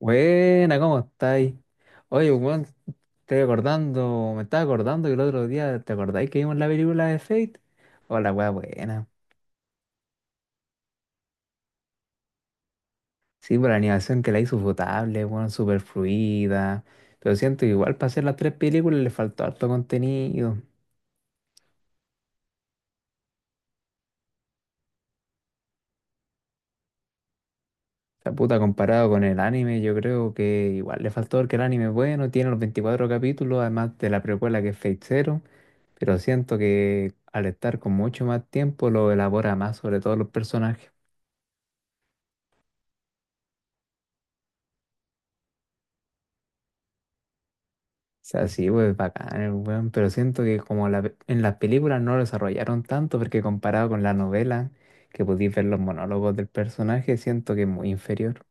Buena, ¿cómo estáis? Oye, weón, me estaba acordando que el otro día, ¿te acordáis que vimos la película de Fate? Oh, la weá buena. Sí, por la animación que la hizo potable, weón, súper fluida. Pero siento que igual para hacer las tres películas le faltó harto contenido. La puta, comparado con el anime, yo creo que igual le faltó porque el anime es bueno, tiene los 24 capítulos, además de la precuela que es Fate Zero. Pero siento que al estar con mucho más tiempo lo elabora más sobre todos los personajes. O sea, sí, pues bacán, el weón, pero siento que como en las películas no lo desarrollaron tanto, porque comparado con la novela, que podéis ver los monólogos del personaje, siento que es muy inferior.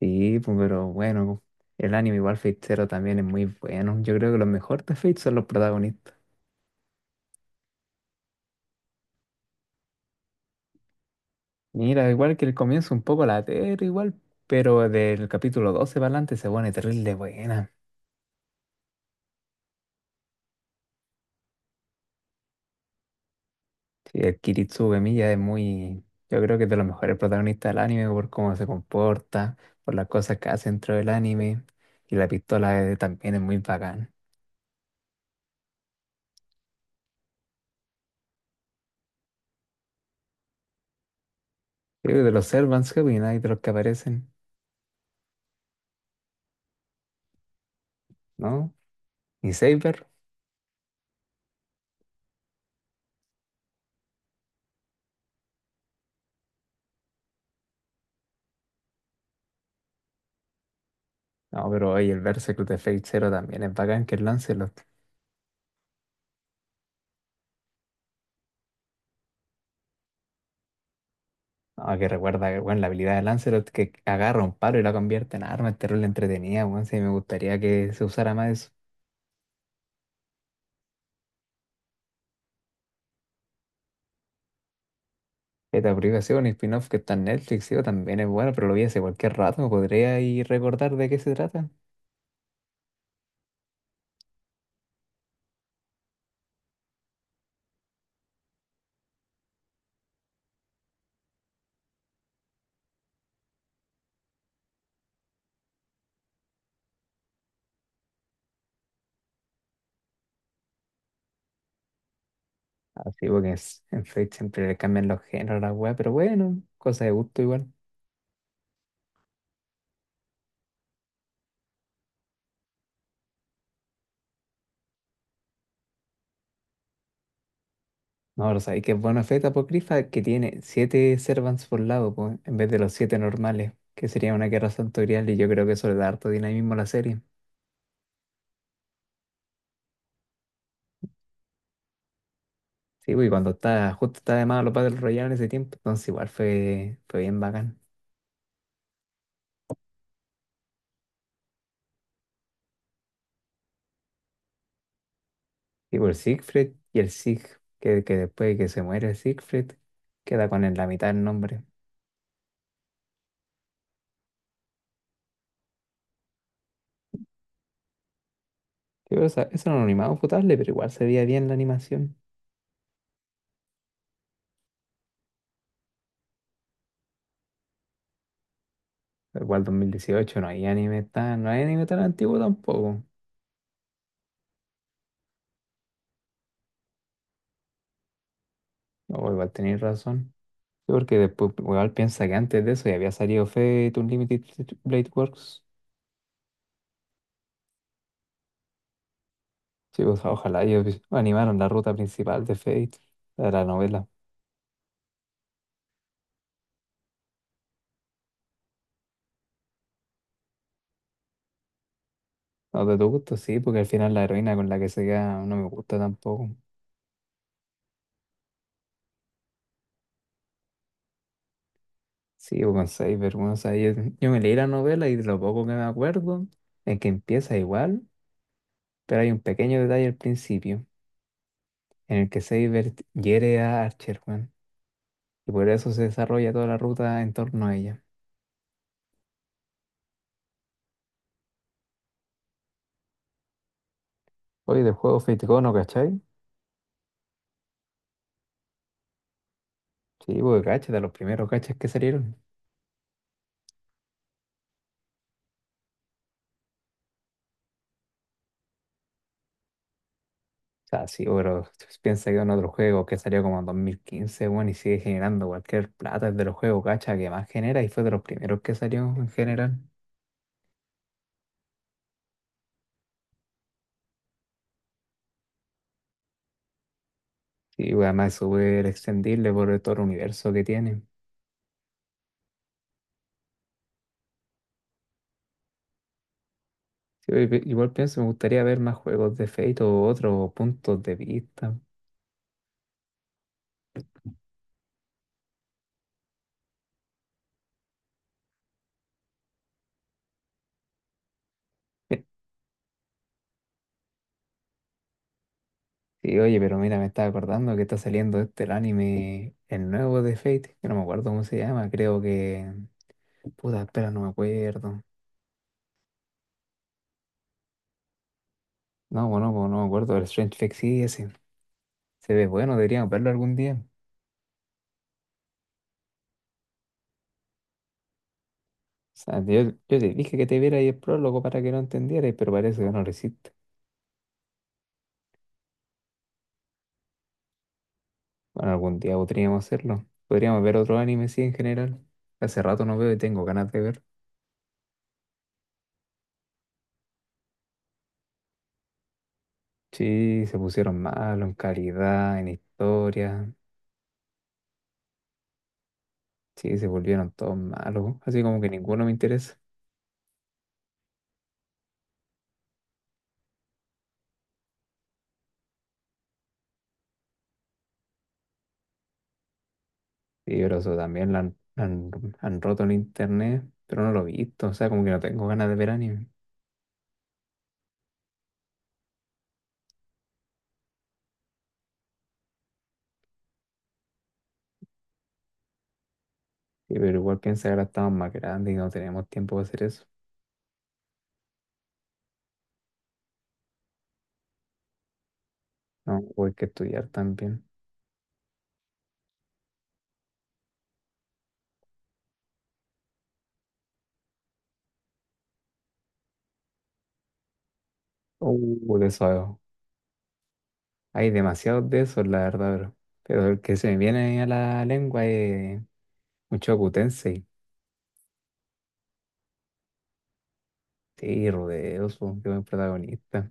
Sí, pues, pero bueno, el anime igual Fate Zero también es muy bueno. Yo creo que los mejores de Fate son los protagonistas. Mira, igual que el comienzo un poco latero, igual, pero del capítulo 12 para adelante se pone terrible buena. Sí, el Kiritsu Uemiya es muy, yo creo que es de los mejores protagonistas del anime por cómo se comporta, por las cosas que hace dentro del anime y la pistola también es muy bacán. Creo que de los Servants, ¿qué opináis de los que aparecen? ¿No? ¿Y Saber? No, pero oye, el Berserk de Fate Zero también es bacán que es Lancelot. No, que recuerda que, bueno, la habilidad de Lancelot que agarra un palo y la convierte en arma, es terrible entretenida, bueno, sí, me gustaría que se usara más eso. Esta aplicación, un spin-off que está en Netflix, sí, también es bueno, pero lo vi hace cualquier rato, ¿me podría ir recordar de qué se trata? Así porque es- en Fate siempre le cambian los géneros a la weá, pero bueno, cosa de gusto igual. No, pero sabéis que es bueno Fate Apocrypha que tiene siete servants por lado, po, en vez de los siete normales, que sería una guerra santorial y yo creo que eso le da harto dinamismo a la serie. Sí, pues, y cuando está, justo está de moda los Battle Royale en ese tiempo, entonces igual fue, bien bacán. Y por Siegfried y el Sig, que después de que se muere Siegfried, queda con el- la mitad del nombre. Sí, pero esa- eso era un animado potable, pero igual se veía bien la animación. Pero igual 2018 no hay anime tan, no hay anime tan antiguo tampoco. O igual tenéis razón. Sí, porque después igual piensa que antes de eso ya había salido Fate Unlimited Blade Works. Sí, pues ojalá ellos animaron la ruta principal de Fate, la de la novela. No, de tu gusto sí, porque al final la heroína con la que se queda no me gusta tampoco. Sí, o con Cyber, bueno, o yo me leí la novela y de lo poco que me acuerdo es que empieza igual, pero hay un pequeño detalle al principio en el que Saber hiere a Archer, weón, y por eso se desarrolla toda la ruta en torno a ella. Oye, del juego Fate Go, ¿no cachai? Sí, porque cacha, de los primeros cachas que salieron. O sea, sí, pero piensa que en otro juego que salió como en 2015, weón, y sigue generando cualquier plata, es de los juegos cacha que más genera y fue de los primeros que salió en general. Y bueno, además es súper extendible por todo el universo que tiene. Sí, pues, igual pienso, me gustaría ver más juegos de Fate o otros puntos de vista. Sí, oye, pero mira, me estaba acordando que está saliendo este el anime, el nuevo de Fate, que no me acuerdo cómo se llama, creo que... Puta, espera, no me acuerdo. No, bueno, pues, no me acuerdo, el Strange Fate sí, ese. Se ve bueno, deberíamos verlo algún día. O sea, yo, te dije que te viera ahí el prólogo para que lo entendieras, pero parece que no lo hiciste. Bueno, algún día podríamos hacerlo. Podríamos ver otro anime, sí, en general. Hace rato no veo y tengo ganas de ver. Sí, se pusieron malos en calidad, en historia. Sí, se volvieron todos malos. Así como que ninguno me interesa. Sí, pero eso también lo han roto en internet, pero no lo he visto. O sea, como que no tengo ganas de ver anime. Sí, pero igual piensa que ahora estamos más grandes y no tenemos tiempo de hacer eso. No, o hay que estudiar también. De eso, hay demasiados de esos, la verdad, bro. Pero el que se me viene a la lengua es Mushoku Tensei. Sí, Rodeo, su que es el protagonista.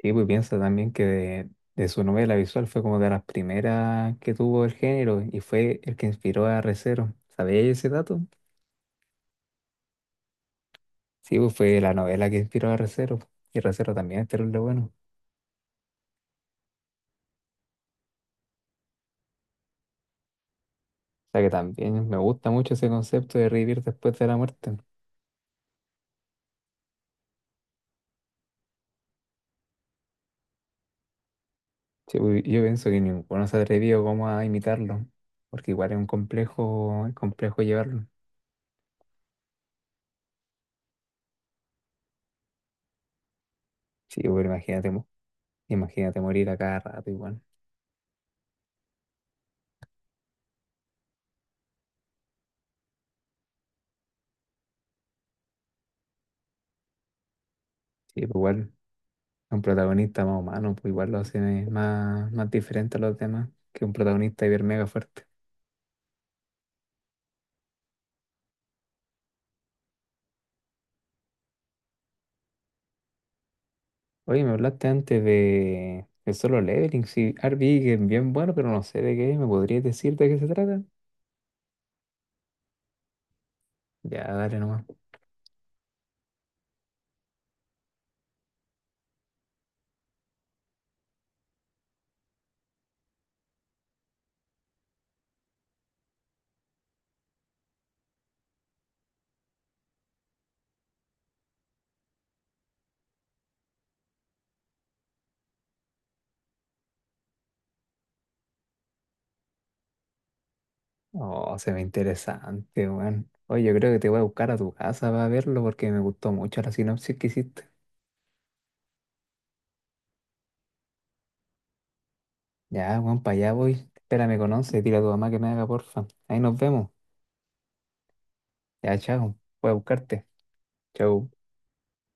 Sí, pues piensa también que de, su novela visual fue como de las primeras que tuvo el género y fue el que inspiró a Re:Zero. ¿Sabías ese dato? Sí, pues fue la novela que inspiró a Re:Zero. Y Re:Zero también es terrible bueno. O sea que también me gusta mucho ese concepto de revivir después de la muerte. Sí, pues, yo pienso que ninguno se atrevió como a imitarlo, porque igual es un complejo, es complejo llevarlo. Sí, pues imagínate, imagínate morir a cada rato igual. Sí, pues igual un protagonista más humano, pues igual lo hace más, más diferente a los demás que un protagonista hiper mega fuerte. Oye, me hablaste antes de, Solo Leveling, sí, Arby, que es bien bueno, pero no sé de qué, ¿me podrías decir de qué se trata? Ya, dale nomás. Oh, se ve interesante, weón. Oye, yo creo que te voy a buscar a tu casa para verlo porque me gustó mucho la sinopsis que hiciste. Ya, weón, para allá voy. Espérame con once, dile a tu mamá que me haga porfa. Ahí nos vemos. Ya, chao. Voy a buscarte. Chao.